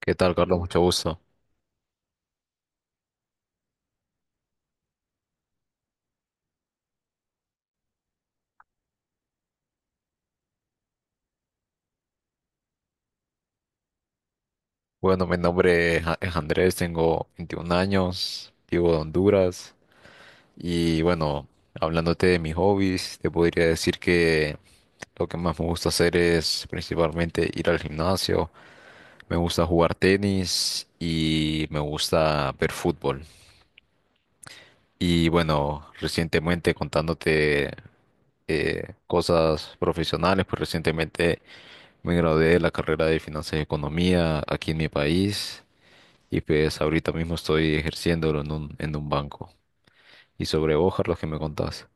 ¿Qué tal, Carlos? Mucho gusto. Bueno, mi nombre es Andrés, tengo 21 años, vivo de Honduras y bueno, hablándote de mis hobbies, te podría decir que lo que más me gusta hacer es principalmente ir al gimnasio, me gusta jugar tenis y me gusta ver fútbol. Y bueno, recientemente contándote cosas profesionales, pues recientemente me gradué de la carrera de Finanzas y Economía aquí en mi país. Y pues ahorita mismo estoy ejerciéndolo en un banco. Y sobre vos, Carlos, que me contás?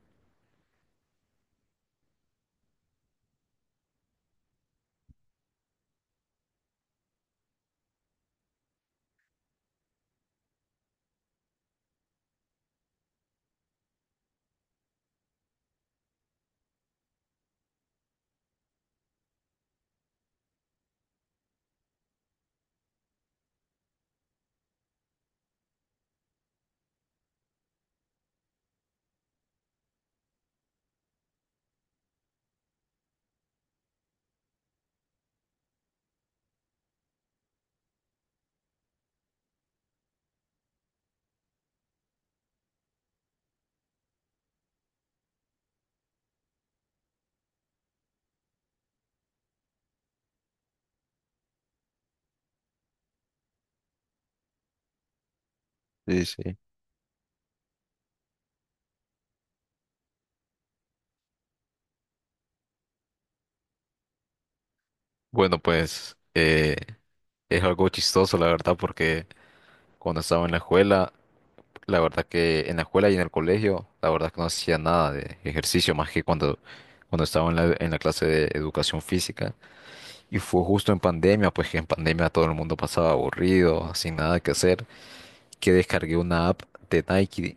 Sí, sí. Bueno, pues es algo chistoso, la verdad, porque cuando estaba en la escuela, la verdad que en la escuela y en el colegio, la verdad que no hacía nada de ejercicio más que cuando estaba en la clase de educación física. Y fue justo en pandemia, pues que en pandemia todo el mundo pasaba aburrido, sin nada que hacer, que descargué una app de Nike,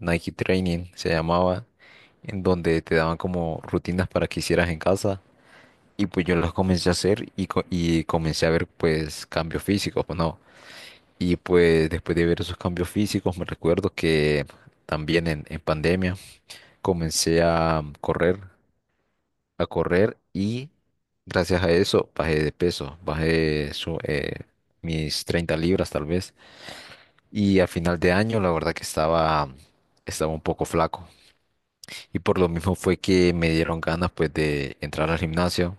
Nike Training se llamaba, en donde te daban como rutinas para que hicieras en casa. Y pues yo las comencé a hacer y, comencé a ver pues cambios físicos, pues no. Y pues después de ver esos cambios físicos, me recuerdo que también en pandemia comencé a correr, a correr y gracias a eso bajé de peso, mis 30 libras tal vez. Y a final de año, la verdad que estaba un poco flaco. Y por lo mismo fue que me dieron ganas pues de entrar al gimnasio,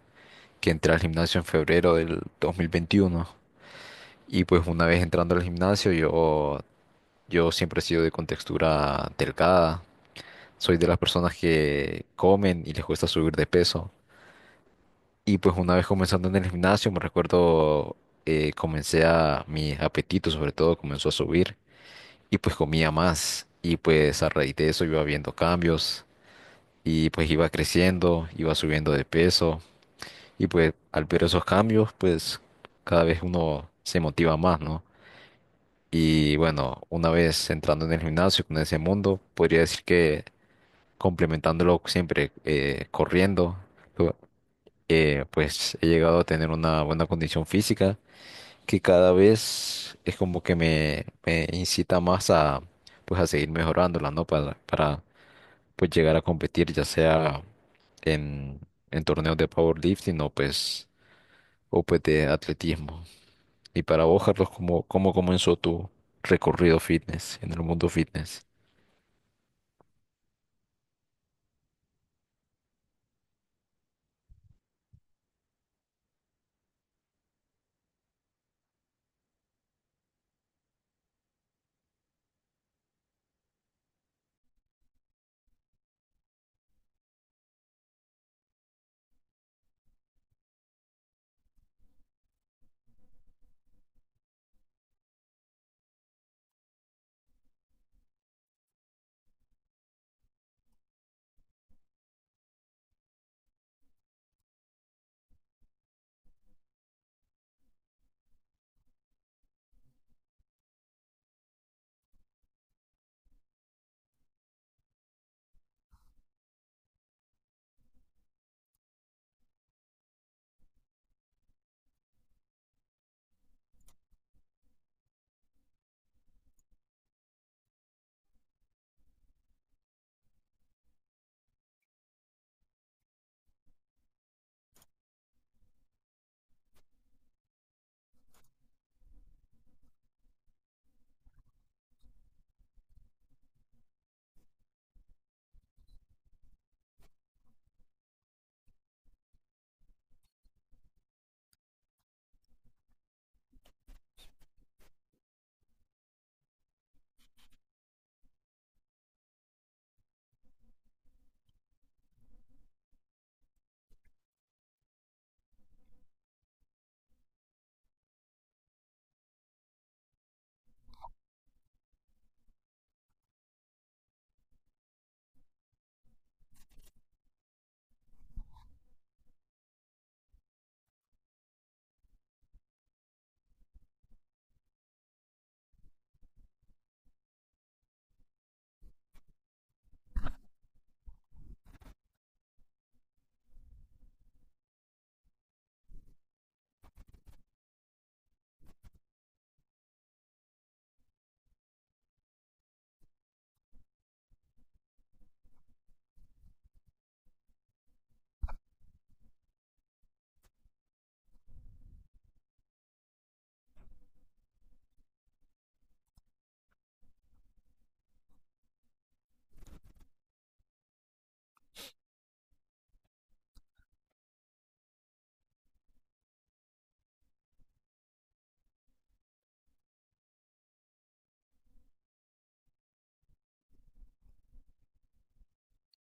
que entré al gimnasio en febrero del 2021. Y pues una vez entrando al gimnasio, yo siempre he sido de contextura delgada. Soy de las personas que comen y les cuesta subir de peso. Y pues una vez comenzando en el gimnasio, me recuerdo, mi apetito sobre todo comenzó a subir. Y pues comía más. Y pues a raíz de eso iba viendo cambios y pues iba creciendo, iba subiendo de peso y pues al ver esos cambios pues cada vez uno se motiva más, ¿no? Y bueno, una vez entrando en el gimnasio con ese mundo, podría decir que complementándolo siempre corriendo, lo- pues he llegado a tener una buena condición física que cada vez es como que me incita más a pues a seguir mejorándola, ¿no? Para pues llegar a competir, ya sea en, en torneos de powerlifting o pues de atletismo. Y para vos, Carlos, ¿cómo comenzó tu recorrido fitness en el mundo fitness?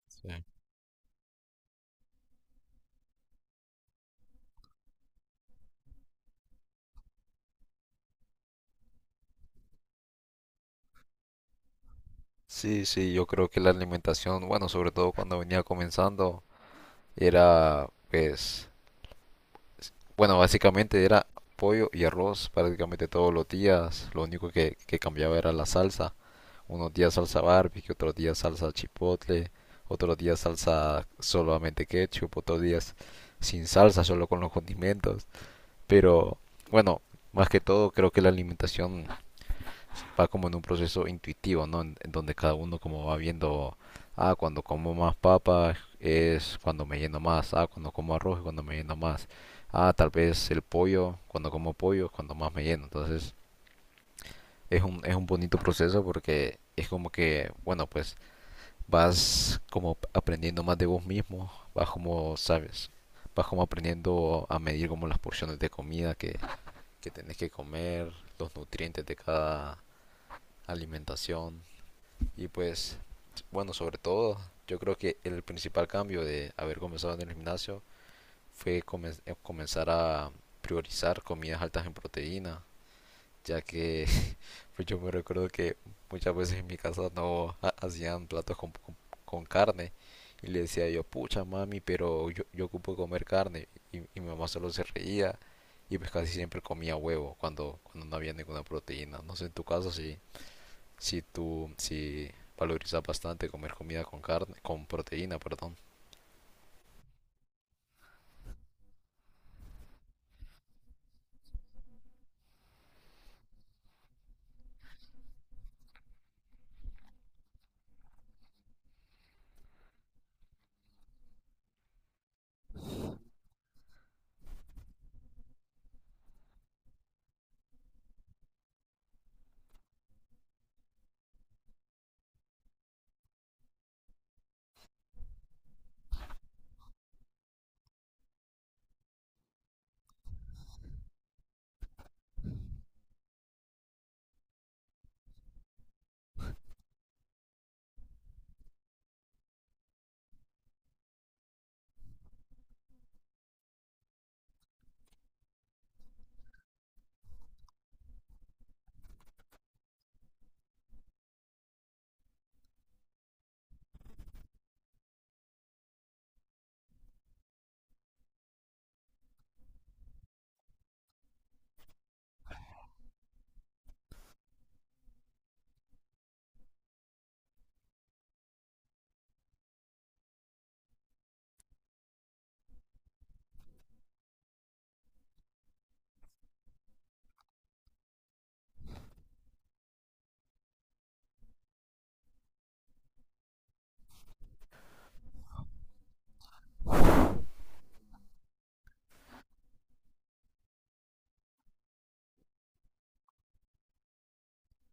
Sí. Sí, sí, yo creo que la alimentación, bueno, sobre todo cuando venía comenzando, era pues, bueno, básicamente era pollo y arroz prácticamente todos los días. Lo único que cambiaba era la salsa. Unos días salsa barbecue, otros días salsa chipotle, otros días salsa solamente ketchup, otros días sin salsa, solo con los condimentos. Pero bueno, más que todo creo que la alimentación va como en un proceso intuitivo, ¿no? En donde cada uno como va viendo, ah, cuando como más papas es cuando me lleno más, ah, cuando como arroz es cuando me lleno más, ah, tal vez el pollo, cuando como pollo es cuando más me lleno. Entonces es es un bonito proceso porque es como que, bueno, pues vas como aprendiendo más de vos mismo, vas como, sabes, vas como aprendiendo a medir como las porciones de comida que tenés que comer, los nutrientes de cada alimentación. Y pues, bueno, sobre todo, yo creo que el principal cambio de haber comenzado en el gimnasio fue comenzar a priorizar comidas altas en proteína, ya que pues yo me recuerdo que muchas veces en mi casa no ha- hacían platos con carne y le decía yo, pucha mami, pero yo ocupo comer carne y mi mamá solo se reía y pues casi siempre comía huevo cuando no había ninguna proteína. No sé, en tu caso sí, si valorizas bastante comer comida con carne, con proteína, perdón.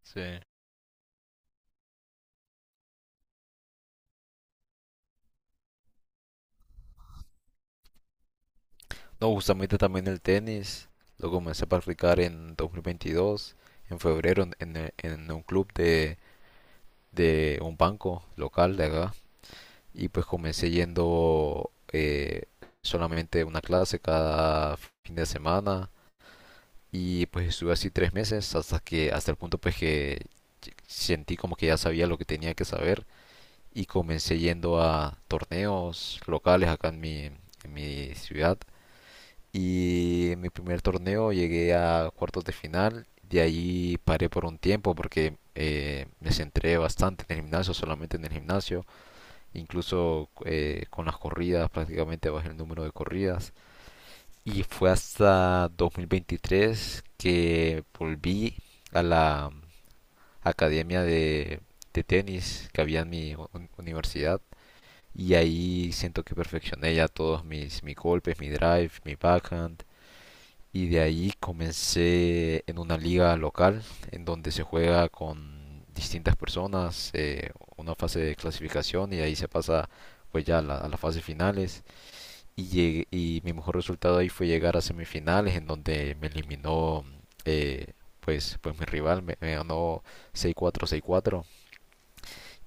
Sí. No, justamente también el tenis, lo comencé a practicar en 2022, en febrero, en un club de un banco local de acá. Y pues comencé yendo solamente una clase cada fin de semana. Y pues estuve así 3 meses hasta el punto pues que sentí como que ya sabía lo que tenía que saber y comencé yendo a torneos locales acá en en mi ciudad. Y en mi primer torneo llegué a cuartos de final. De ahí paré por un tiempo porque me centré bastante en el gimnasio, solamente en el gimnasio. Incluso con las corridas prácticamente bajé el número de corridas. Y fue hasta 2023 que volví a la academia de tenis que había en mi universidad y ahí siento que perfeccioné ya todos mis golpes, mi drive, mi backhand. Y de ahí comencé en una liga local en donde se juega con distintas personas, una fase de clasificación y ahí se pasa pues ya a las fases finales. Y, mi mejor resultado ahí fue llegar a semifinales en donde me eliminó eh, pues, pues mi rival, me ganó 6-4, 6-4.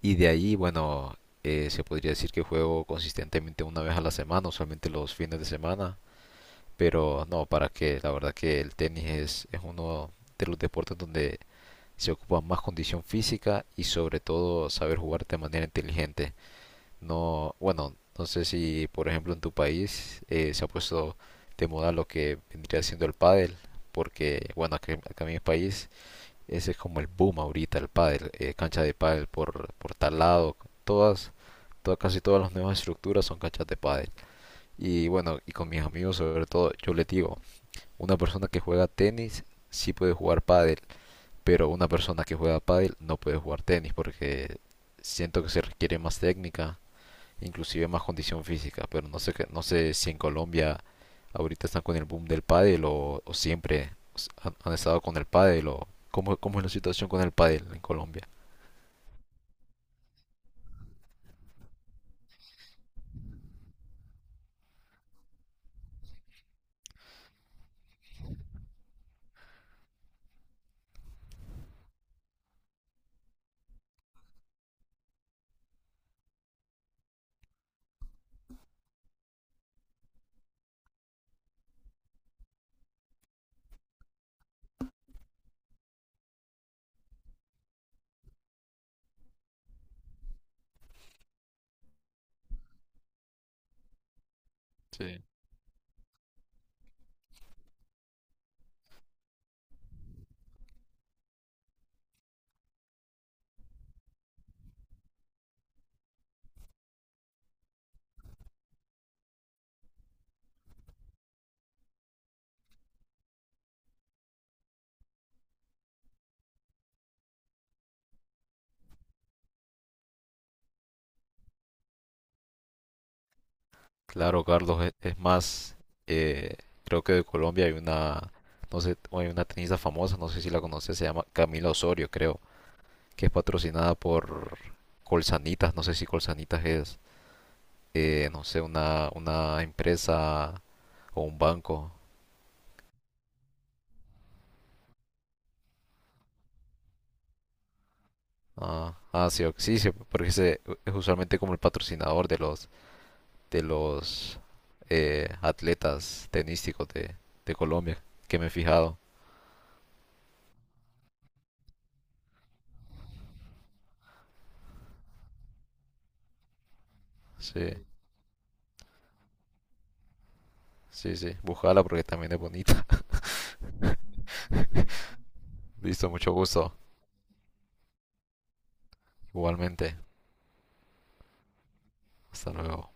Y de ahí, bueno, se podría decir que juego consistentemente una vez a la semana, usualmente los fines de semana. Pero no, para qué, la verdad que el tenis es uno de los deportes donde se ocupa más condición física y sobre todo saber jugar de manera inteligente. No, bueno, no sé si por ejemplo en tu país se ha puesto de moda lo que vendría siendo el pádel, porque bueno, acá en mi país ese es como el boom ahorita, el pádel, cancha de pádel por tal lado, todas, casi todas las nuevas estructuras son canchas de pádel. Y bueno, y con mis amigos sobre todo, yo les digo, una persona que juega tenis sí puede jugar pádel, pero una persona que juega pádel no puede jugar tenis porque siento que se requiere más técnica, inclusive más condición física, pero no sé, no sé si en Colombia ahorita están con el boom del pádel o siempre han estado con el pádel o cómo, cómo es la situación con el pádel en Colombia. Sí. Claro, Carlos, es más, eh, creo que de Colombia hay una, no sé, hay una tenista famosa, no sé si la conoces, se llama Camila Osorio, creo, que es patrocinada por Colsanitas, no sé si Colsanitas es, no sé, una empresa o un banco. Ah, ah, sí, ok, sí, sí, porque ese es usualmente como el patrocinador de los, de los, atletas tenísticos de Colombia, que me he fijado. Sí, sí, sí, búscala porque también es bonita. Listo, mucho gusto. Igualmente. Hasta luego.